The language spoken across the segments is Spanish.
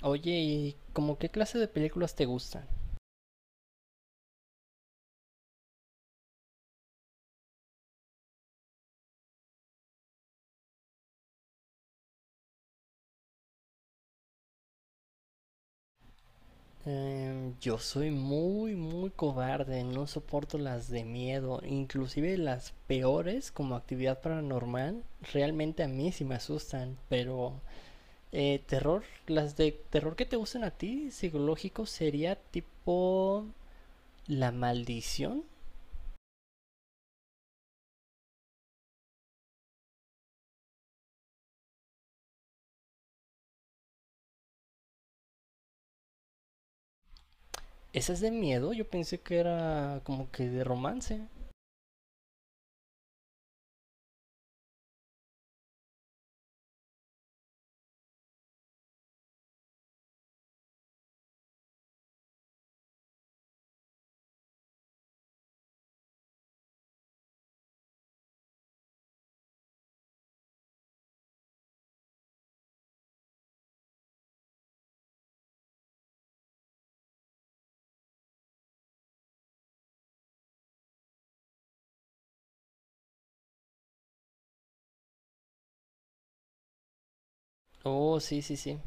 Oye, ¿y como qué clase de películas te gustan? Yo soy muy, muy cobarde, no soporto las de miedo, inclusive las peores como Actividad Paranormal, realmente a mí sí me asustan, pero terror, las de terror que te gustan a ti, psicológico, sería tipo La Maldición. ¿Esa es de miedo? Yo pensé que era como que de romance. Oh, sí, sí, sí.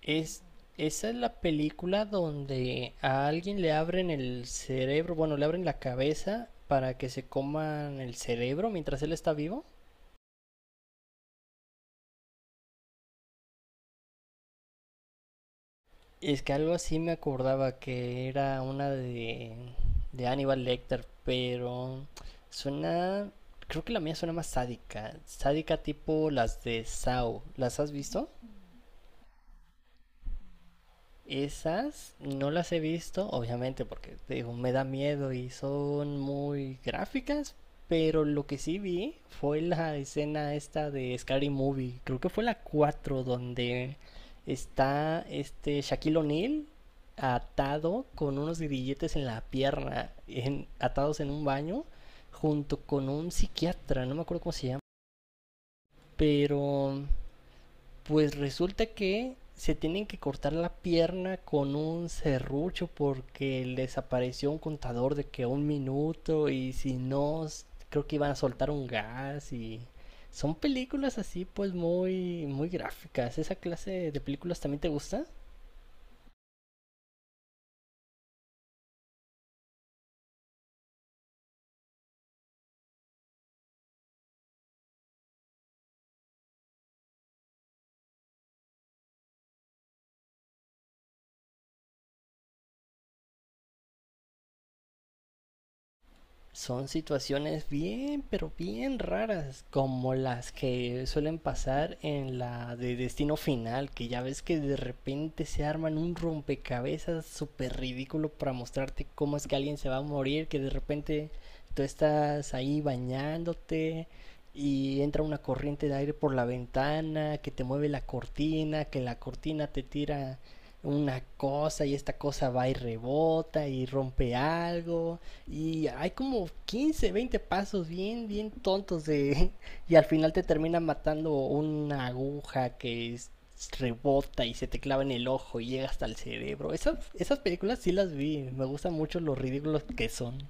Es, esa es la película donde a alguien le abren el cerebro, bueno, le abren la cabeza para que se coman el cerebro mientras él está vivo. Es que algo así me acordaba que era una de Hannibal Lecter, pero suena, creo que la mía suena más sádica, sádica tipo las de Saw. ¿Las has visto? Esas no las he visto, obviamente, porque te digo, me da miedo y son muy gráficas, pero lo que sí vi fue la escena esta de Scary Movie, creo que fue la 4 donde está este Shaquille O'Neal atado con unos grilletes en la pierna, atados en un baño, junto con un psiquiatra, no me acuerdo cómo se llama, pero pues resulta que se tienen que cortar la pierna con un serrucho porque les apareció un contador de que 1 minuto y si no, creo que iban a soltar un gas y son películas así pues muy muy gráficas. ¿Esa clase de películas también te gusta? Son situaciones bien, pero bien raras, como las que suelen pasar en la de Destino Final, que ya ves que de repente se arman un rompecabezas súper ridículo para mostrarte cómo es que alguien se va a morir, que de repente tú estás ahí bañándote y entra una corriente de aire por la ventana, que te mueve la cortina, que la cortina te tira una cosa y esta cosa va y rebota y rompe algo y hay como 15 20 pasos bien, bien tontos. Y al final te termina matando una aguja rebota y se te clava en el ojo y llega hasta el cerebro. Esas películas sí las vi. Me gustan mucho los ridículos que son.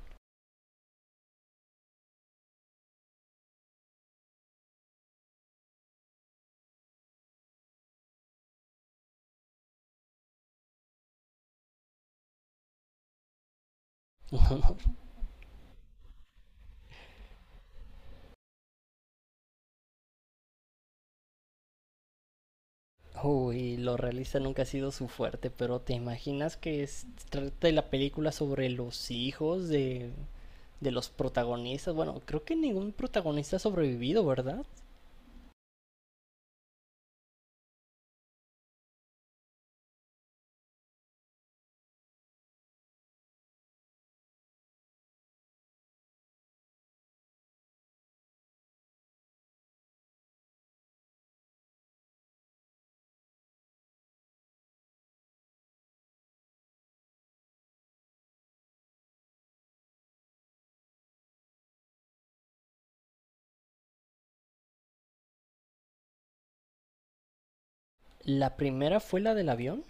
Uy, lo realista nunca ha sido su fuerte, pero ¿te imaginas que trata la película sobre los hijos de los protagonistas? Bueno, creo que ningún protagonista ha sobrevivido, ¿verdad? La primera fue la del avión.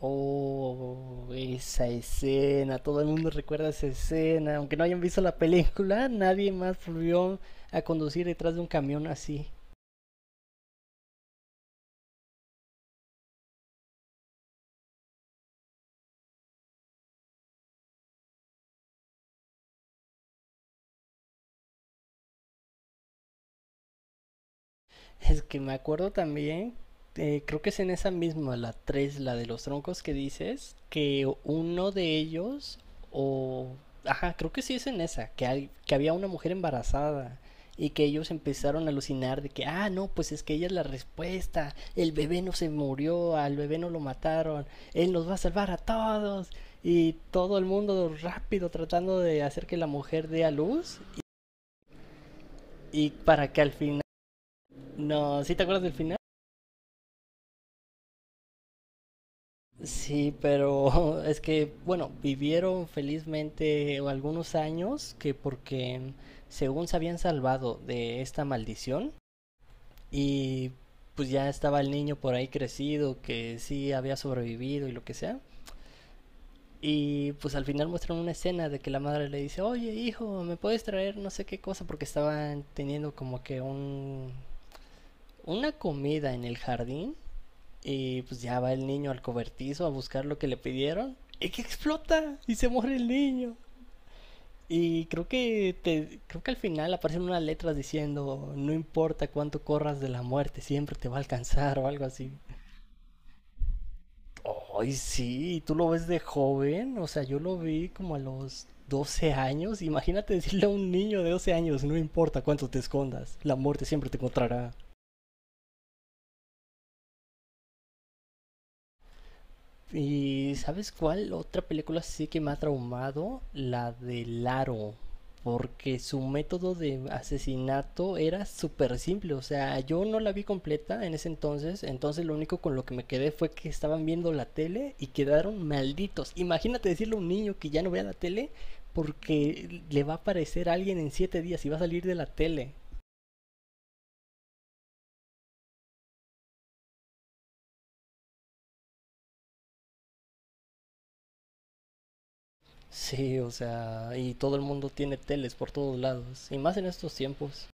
Oh, esa escena, todo el mundo recuerda esa escena, aunque no hayan visto la película, nadie más volvió a conducir detrás de un camión así. Es que me acuerdo también, creo que es en esa misma, la 3 la de los troncos que dices, que uno de ellos, o... Ajá, creo que sí es en esa, que había una mujer embarazada y que ellos empezaron a alucinar de que, ah, no, pues es que ella es la respuesta, el bebé no se murió, al bebé no lo mataron, él nos va a salvar a todos y todo el mundo rápido tratando de hacer que la mujer dé a luz y para que al final. No, ¿sí te acuerdas del final? Sí, pero es que, bueno, vivieron felizmente algunos años que porque según se habían salvado de esta maldición y pues ya estaba el niño por ahí crecido que sí había sobrevivido y lo que sea. Y pues al final muestran una escena de que la madre le dice, oye hijo, ¿me puedes traer no sé qué cosa? Porque estaban teniendo como que una comida en el jardín. Y pues ya va el niño al cobertizo a buscar lo que le pidieron. Y que explota y se muere el niño. Y creo que al final aparecen unas letras diciendo no importa cuánto corras de la muerte, siempre te va a alcanzar o algo así. Ay, sí, tú lo ves de joven, o sea, yo lo vi como a los 12 años. Imagínate decirle a un niño de 12 años, no importa cuánto te escondas, la muerte siempre te encontrará. ¿Y sabes cuál otra película sí que me ha traumado? La de Laro. Porque su método de asesinato era súper simple. O sea, yo no la vi completa en ese entonces. Entonces lo único con lo que me quedé fue que estaban viendo la tele y quedaron malditos. Imagínate decirle a un niño que ya no vea la tele porque le va a aparecer alguien en 7 días y va a salir de la tele. Sí, o sea, y todo el mundo tiene teles por todos lados. Y más en estos tiempos.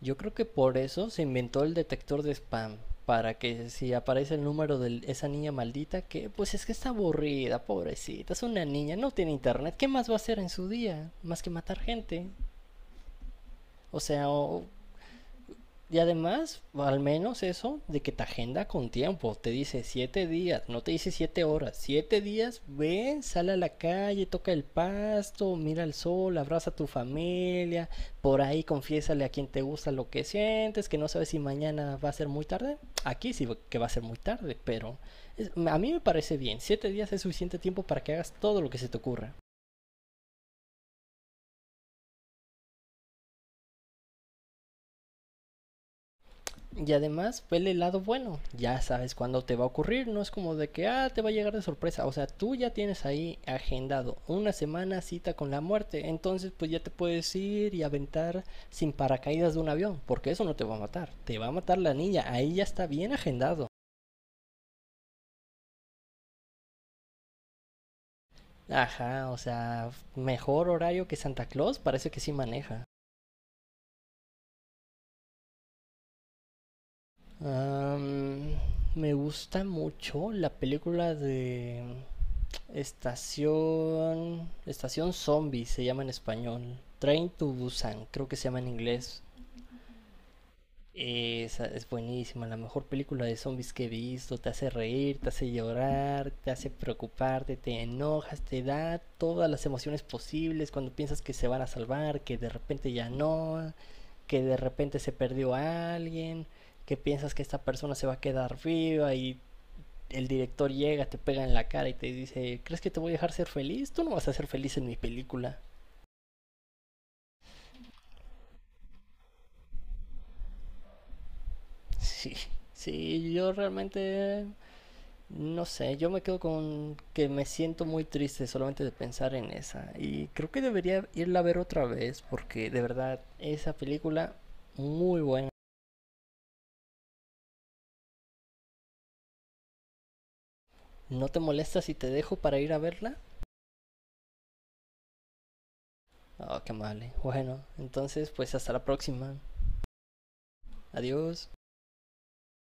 Yo creo que por eso se inventó el detector de spam. Para que si aparece el número de esa niña maldita, que pues es que está aburrida, pobrecita, es una niña, no tiene internet, ¿qué más va a hacer en su día? Más que matar gente. O sea, o- y además, al menos eso de que te agenda con tiempo. Te dice 7 días, no te dice 7 horas. Siete días, ven, sale a la calle, toca el pasto, mira el sol, abraza a tu familia. Por ahí confiésale a quien te gusta lo que sientes, que no sabes si mañana va a ser muy tarde. Aquí sí que va a ser muy tarde, pero a mí me parece bien. 7 días es suficiente tiempo para que hagas todo lo que se te ocurra. Y además, vele el lado bueno. Ya sabes cuándo te va a ocurrir. No es como de que, ah, te va a llegar de sorpresa. O sea, tú ya tienes ahí agendado una semana cita con la muerte. Entonces, pues ya te puedes ir y aventar sin paracaídas de un avión. Porque eso no te va a matar. Te va a matar la niña. Ahí ya está bien agendado. Ajá, o sea, mejor horario que Santa Claus. Parece que sí maneja. Am, me gusta mucho la película de Estación. Estación Zombie se llama en español. Train to Busan, creo que se llama en inglés. Esa es buenísima, la mejor película de zombies que he visto. Te hace reír, te hace llorar, te hace preocuparte, te enojas, te da todas las emociones posibles cuando piensas que se van a salvar, que de repente ya no, que de repente se perdió a alguien, que piensas que esta persona se va a quedar viva y el director llega, te pega en la cara y te dice, ¿crees que te voy a dejar ser feliz? Tú no vas a ser feliz en mi película. Sí, sí, yo realmente no sé, yo me quedo con que me siento muy triste solamente de pensar en esa. Y creo que debería irla a ver otra vez porque de verdad esa película muy buena. ¿No te molesta si te dejo para ir a verla? Oh, qué mal. ¿Eh? Bueno, entonces pues hasta la próxima. Adiós.